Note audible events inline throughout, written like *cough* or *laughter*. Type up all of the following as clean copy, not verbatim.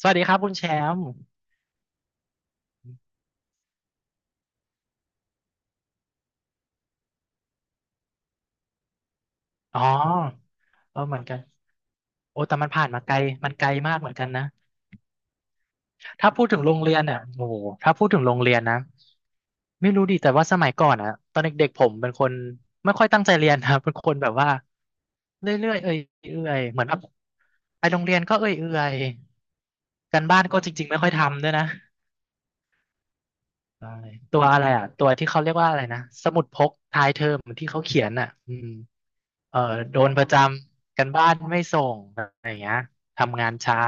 สวัสดีครับคุณแชมป์อ๋อเออเหมือนกันโอ้แต่มันผ่านมาไกลมันไกลมากเหมือนกันนะ ถ้าพูดถึงโรงเรียนเนี่ยโอ้โหถ้าพูดถึงโรงเรียนนะไม่รู้ดิแต่ว่าสมัยก่อนอะตอนเด็กๆผมเป็นคนไม่ค่อยตั้งใจเรียนนะ *laughs* เป็นคนแบบว่าเรื่อยๆเอื่อยๆเหมือนแบบไปโรงเรียนก็เอื่อยๆการบ้านก็จริงๆไม่ค่อยทำด้วยนะใช่ตัวอะไรอ่ะตัวที่เขาเรียกว่าอะไรนะสมุดพกท้ายเทอมที่เขาเขียนอ่ะอืม เออโดนประจำกันบ้านไม่ส่งอะไรอย่างเงี้ยทำงานช้า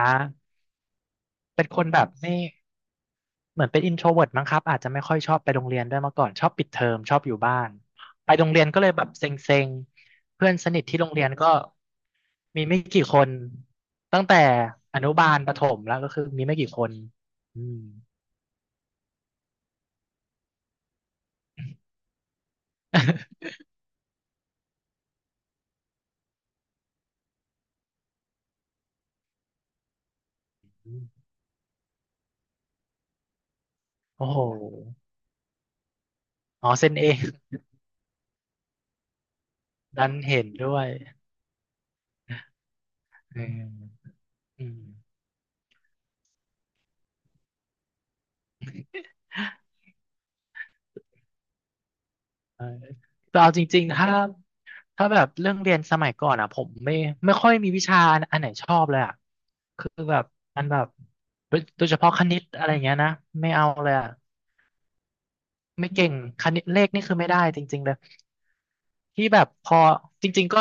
เป็นคนแบบไม่เหมือนเป็นอินโทรเวิร์มั้งครับอาจจะไม่ค่อยชอบไปโรงเรียนด้วยมาก่อนชอบปิดเทอมชอบอยู่บ้านไปโรงเรียนก็เลยแบบเซ็งๆเพื่อนสนิทที่โรงเรียนก็มีไม่กี่คนตั้งแต่อนุบาลประถมแล้วก็คือมีไม่กี่คนอืมโอ้โหอ๋อเซ็นเอง *laughs* ดันเห็นด้วยอืมอืมเออแต่เอาจริงๆถ้า ถ้าแบบเรื่องเรียนสมัยก่อนอ่ะผมไม่ค่อยมีวิชาอันไหนชอบเลยอ่ะคือแบบมันแบบโดยเฉพาะคณิตอะไรเงี้ยนะไม่เอาเลยอ่ะไม่เก่งคณิตเลขนี่คือไม่ได้จริงๆเลยที่แบบพอจริงๆก็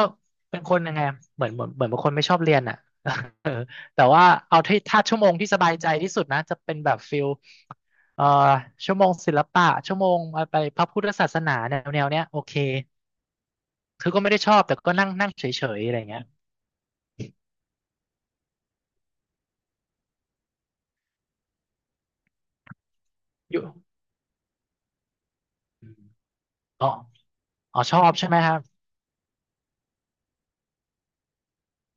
เป็นคนยังไงอะเหมือนเป็นคนไม่ชอบเรียนอ่ะ *laughs* เออแต่ว่าเอาที่ถ้าชั่วโมงที่สบายใจที่สุดนะจะเป็นแบบฟิลเอ่อชั่วโมงศิลปะชั่วโมงไปพระพุทธศาสนาแนวแนวเนี้ยโอเคคือก็ไม่ได้ชอบแต่ก็นั่งนั่งเฉยๆอะไรเงี้ย อยู่อ๋ออ๋อชอบใช่ไหมครับ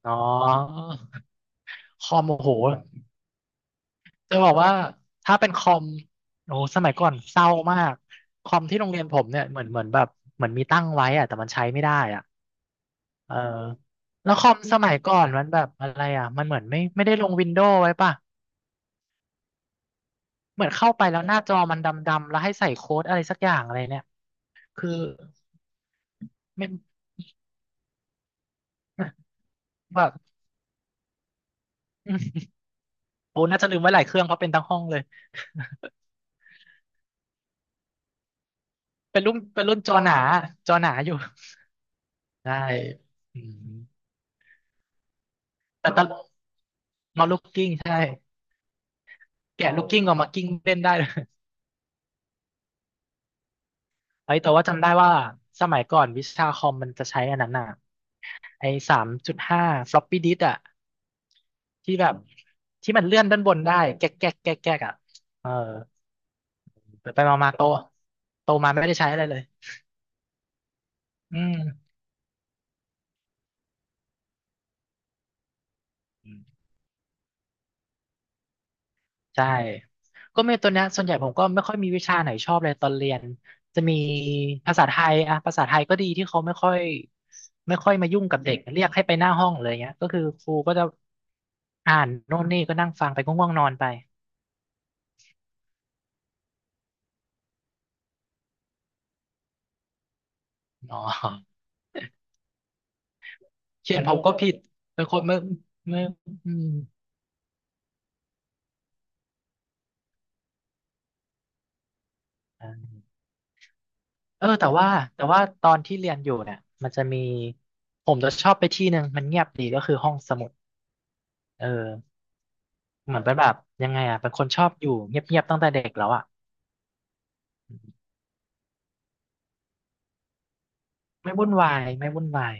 อ๋อคอมโอ้โห จะบอกว่าถ้าเป็นคอมโอ้โหสมัยก่อนเศร้ามากคอมที่โรงเรียนผมเนี่ยเหมือนแบบเหมือนมีตั้งไว้อะแต่มันใช้ไม่ได้อะเออแล้วคอมสมัยก่อนมันแบบอะไรอ่ะมันเหมือนไม่ได้ลงวินโดว์ไว้ป่ะเหมือนเข้าไปแล้วหน้าจอมันดำๆแล้วให้ใส่โค้ดอะไรสักอย่างอะไรเนี่ยคือไม่แบบโอ้น่าจะลืมไว้หลายเครื่องเพราะเป็นทั้งห้องเลยเป็นรุ่นจอหนาจอหนาอยู่ ใช่อืมแต่ตอนนอนลูกกิ้งใช่แกะลูกกิ้งออกมากิ้งเล่นได้เลยเฮ้ยแต่ว่าจำได้ว่าสมัยก่อนวิชาคอมมันจะใช้อันนั้นน่ะไอ้สามจุดห้าฟลอปปี้ดิสอะที่แบบที่มันเลื่อนด้านบนได้แก๊กแก๊กแก๊กแก๊กอะเออไปไปมามาโตโตมาไม่ได้ใช้อะไรเลยอืม ใช่ก็เมนตัวเนี้ยส่วนใหญ่ผมก็ไม่ค่อยมีวิชาไหนชอบเลยตอนเรียนจะมีภาษาไทยอะภาษาไทยก็ดีที่เขาไม่ค่อยมายุ่งกับเด็กเรียกให้ไปหน้าห้องเลยเงี้ยก็คือครูก็จะอ่านโน่นนี่ก็นั่งฟังไปก็ง่วงนอนไปอ๋อเขียนผมก็ผิดเป็นคนไม่อืมอ่าเออแต่ว่าตอนที่เรียนอยู่เนี่ยมันจะมีผมจะชอบไปที่หนึ่งมันเงียบดีก็คือห้องสมุดเออ เหมือนเป็นแบบยังไงอ่ะเป็นคนชอบอยู่เงียบๆตั้งแต่เด็กแล้วอ่ะอืมไม่วุ่นวายไม่วุ่นวาย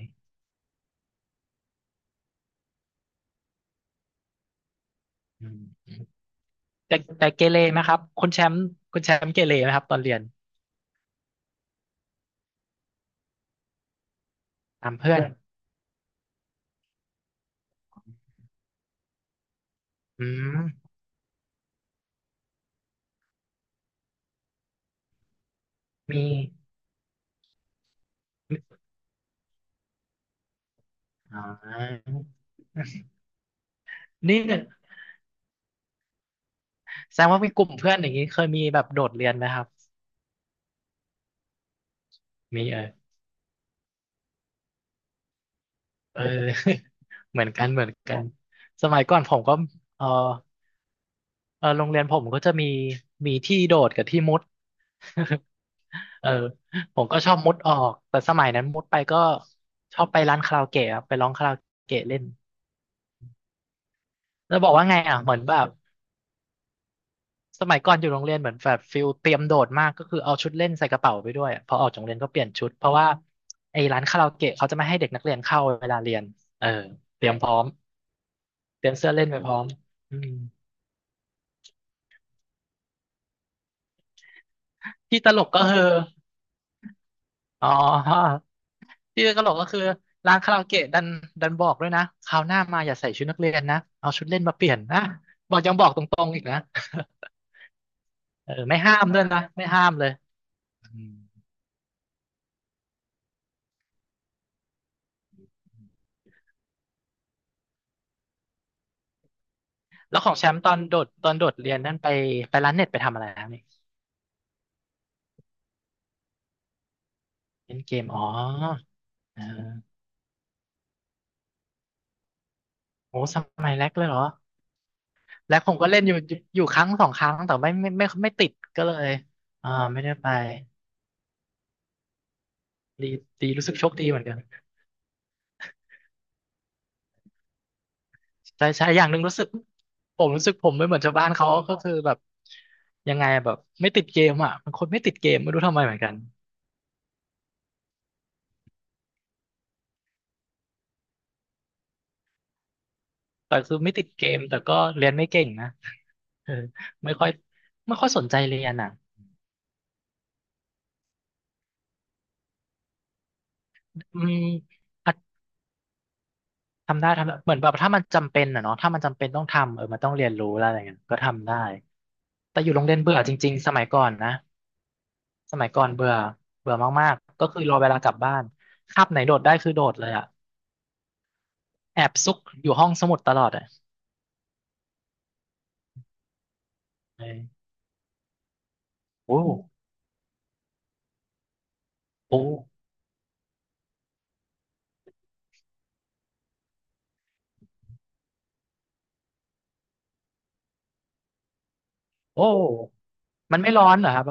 อืมแต่เกเรไหมครับคุณแชมป์คุณแชมป์เกเรไหมครับตอนเรียนตามเพื่อนอืมมีมีอ๋อนี่เนี่ยแสดงว่ามีกลุ่มเพื่อนอย่างนี้เคยมีแบบโดดเรียนไหมครับมีเออเออ *laughs* เหมือนกันเหมือนกันสมัยก่อนผมก็เออเออโรงเรียนผมก็จะมีมีที่โดดกับที่มุด *laughs* เออผมก็ชอบมุดออกแต่สมัยนั้นมุดไปก็ชอบไปร้านคาราโอเกะครับไปร้องคาราโอเกะเล่นแล้วบอกว่าไงอ่ะเหมือนแบบสมัยก่อนอยู่โรงเรียนเหมือนแบบฟิลเตรียมโดดมากก็คือเอาชุดเล่นใส่กระเป๋าไปด้วยอะพอออกจากโรงเรียนก็เปลี่ยนชุดเพราะว่าไอ้ร้านคาราโอเกะเขาจะไม่ให้เด็กนักเรียนเข้าเวลาเรียนเออเตรียมพร้อมเตรียมเสื้อเล่นไปพร้อมอืมที่ตลกก็คืออ๋อ ที่ตลกก็คือร้านคาราโอเกะดันบอกด้วยนะคราวหน้ามาอย่าใส่ชุดนักเรียนนะเอาชุดเล่นมาเปลี่ยนนะบอกยังบอกตรงๆอีกนะ *laughs* เออไม่ห้ามด้วยนะไม่ห้ามเลยอืมแล้วของแชมป์ตอนโดดเรียนนั่นไปไปร้านเน็ตไปทำอะไรนะนี่เล่นเกมอ๋อเออโอ้สมัยแรกเลยเหรอแรกผมก็เล่นอยู่ครั้ง2ครั้งแต่ไม่ติดก็เลยอ่าไม่ได้ไปดีดีรู้สึกโชคดีเหมือนกัน ใช่ใช่อย่างหนึ่งรู้สึกผมรู้สึกผมไม่เหมือนชาวบ้านเขาก็คือแบบยังไงแบบไม่ติดเกมอ่ะมันคนไม่ติดเกมไม่รู้ทำไมเหมือนกันแต่คือไม่ติดเกมแต่ก็เรียนไม่เก่งนะเออไม่ค่อยไม่ค่อยสนใจเรียนอ่ะอืมอ่ะทำได้ทำได้เหมือนแบบถ้ามันจำเป็นอ่ะเนาะถ้ามันจำเป็นต้องทำเออมันต้องเรียนรู้แล้วอะไรเงี้ยก็ทำได้แต่อยู่โรงเรียนเบื่อจริงๆสมัยก่อนนะสมัยก่อนเบื่อเบื่อมากๆก็คือรอเวลากลับบ้านคาบไหนโดดได้คือโดดเลยอ่ะแอบซุกอยู่ห้องสมุดตลอดอ่ะ โอ้โอ้ โอ้ มันไม่ร้อนเหรอครับ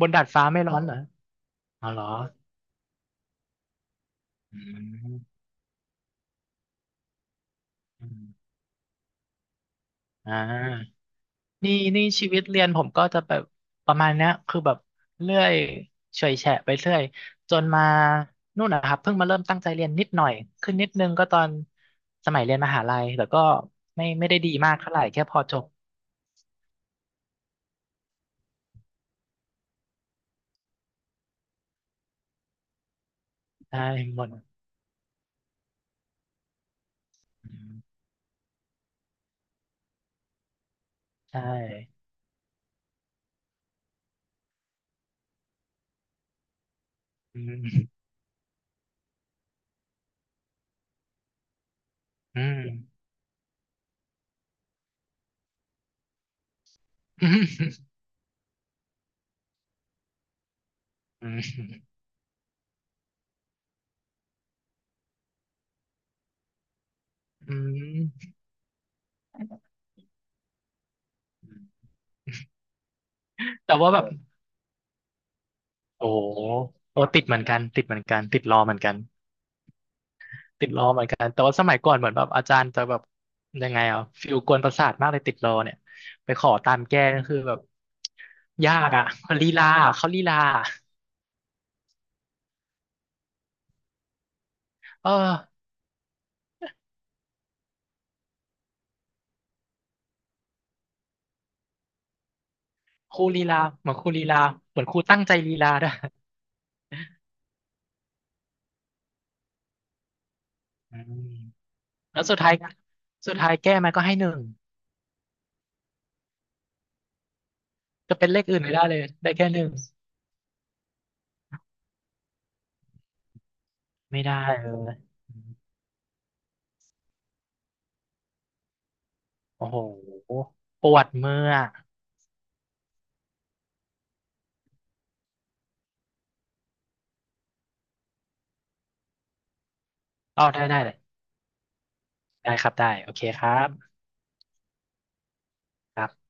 บนดาดฟ้าไม่ร้อนเหรออ๋อเหรออืมอืมอ่านี่ชีวิตเรียนผมก็จะแบบประมาณเนี้ยคือแบบเรื่อยเฉอยแฉะไปเรื่อยจนมานู่นนะครับ เพิ่งมาเริ่มตั้งใจเรียนนิดหน่อย ขึ้นนิดนึงก็ตอนสมัยเรียนมหาลัยแต่ก็ไม่ได้ดีมากเท่าไหร่แค่พอจบได้หมดอืมใช่อืมอืมอืมอืม แต่ว่าแบบโอ้โหโอ้ติดเหมือนกันติดเหมือนกันติดรอเหมือนกันติดรอเหมือนกันแต่ว่าสมัยก่อนเหมือนแบบอาจารย์จะแบบยังไงอ่ะฟิลกวนประสาทมากเลยติดรอเนี่ยไปขอตามแก้ก็คือแบบยากอ่ะมันลีลาอะเขาลีลาเออครูลีลาเหมือนครูลีลาเหมือนครูตั้งใจลีลาด้วยอืมแล้วสุดท้ายแก้มันก็ให้หนึ่งจะเป็นเลขอื่นไม่ได้เลยได้แค่หนึ่งไม่ได้เลยโอ้โหปวดเมื่อเอาได้ได้ ได้ครับ ได้ โอเคครับครับ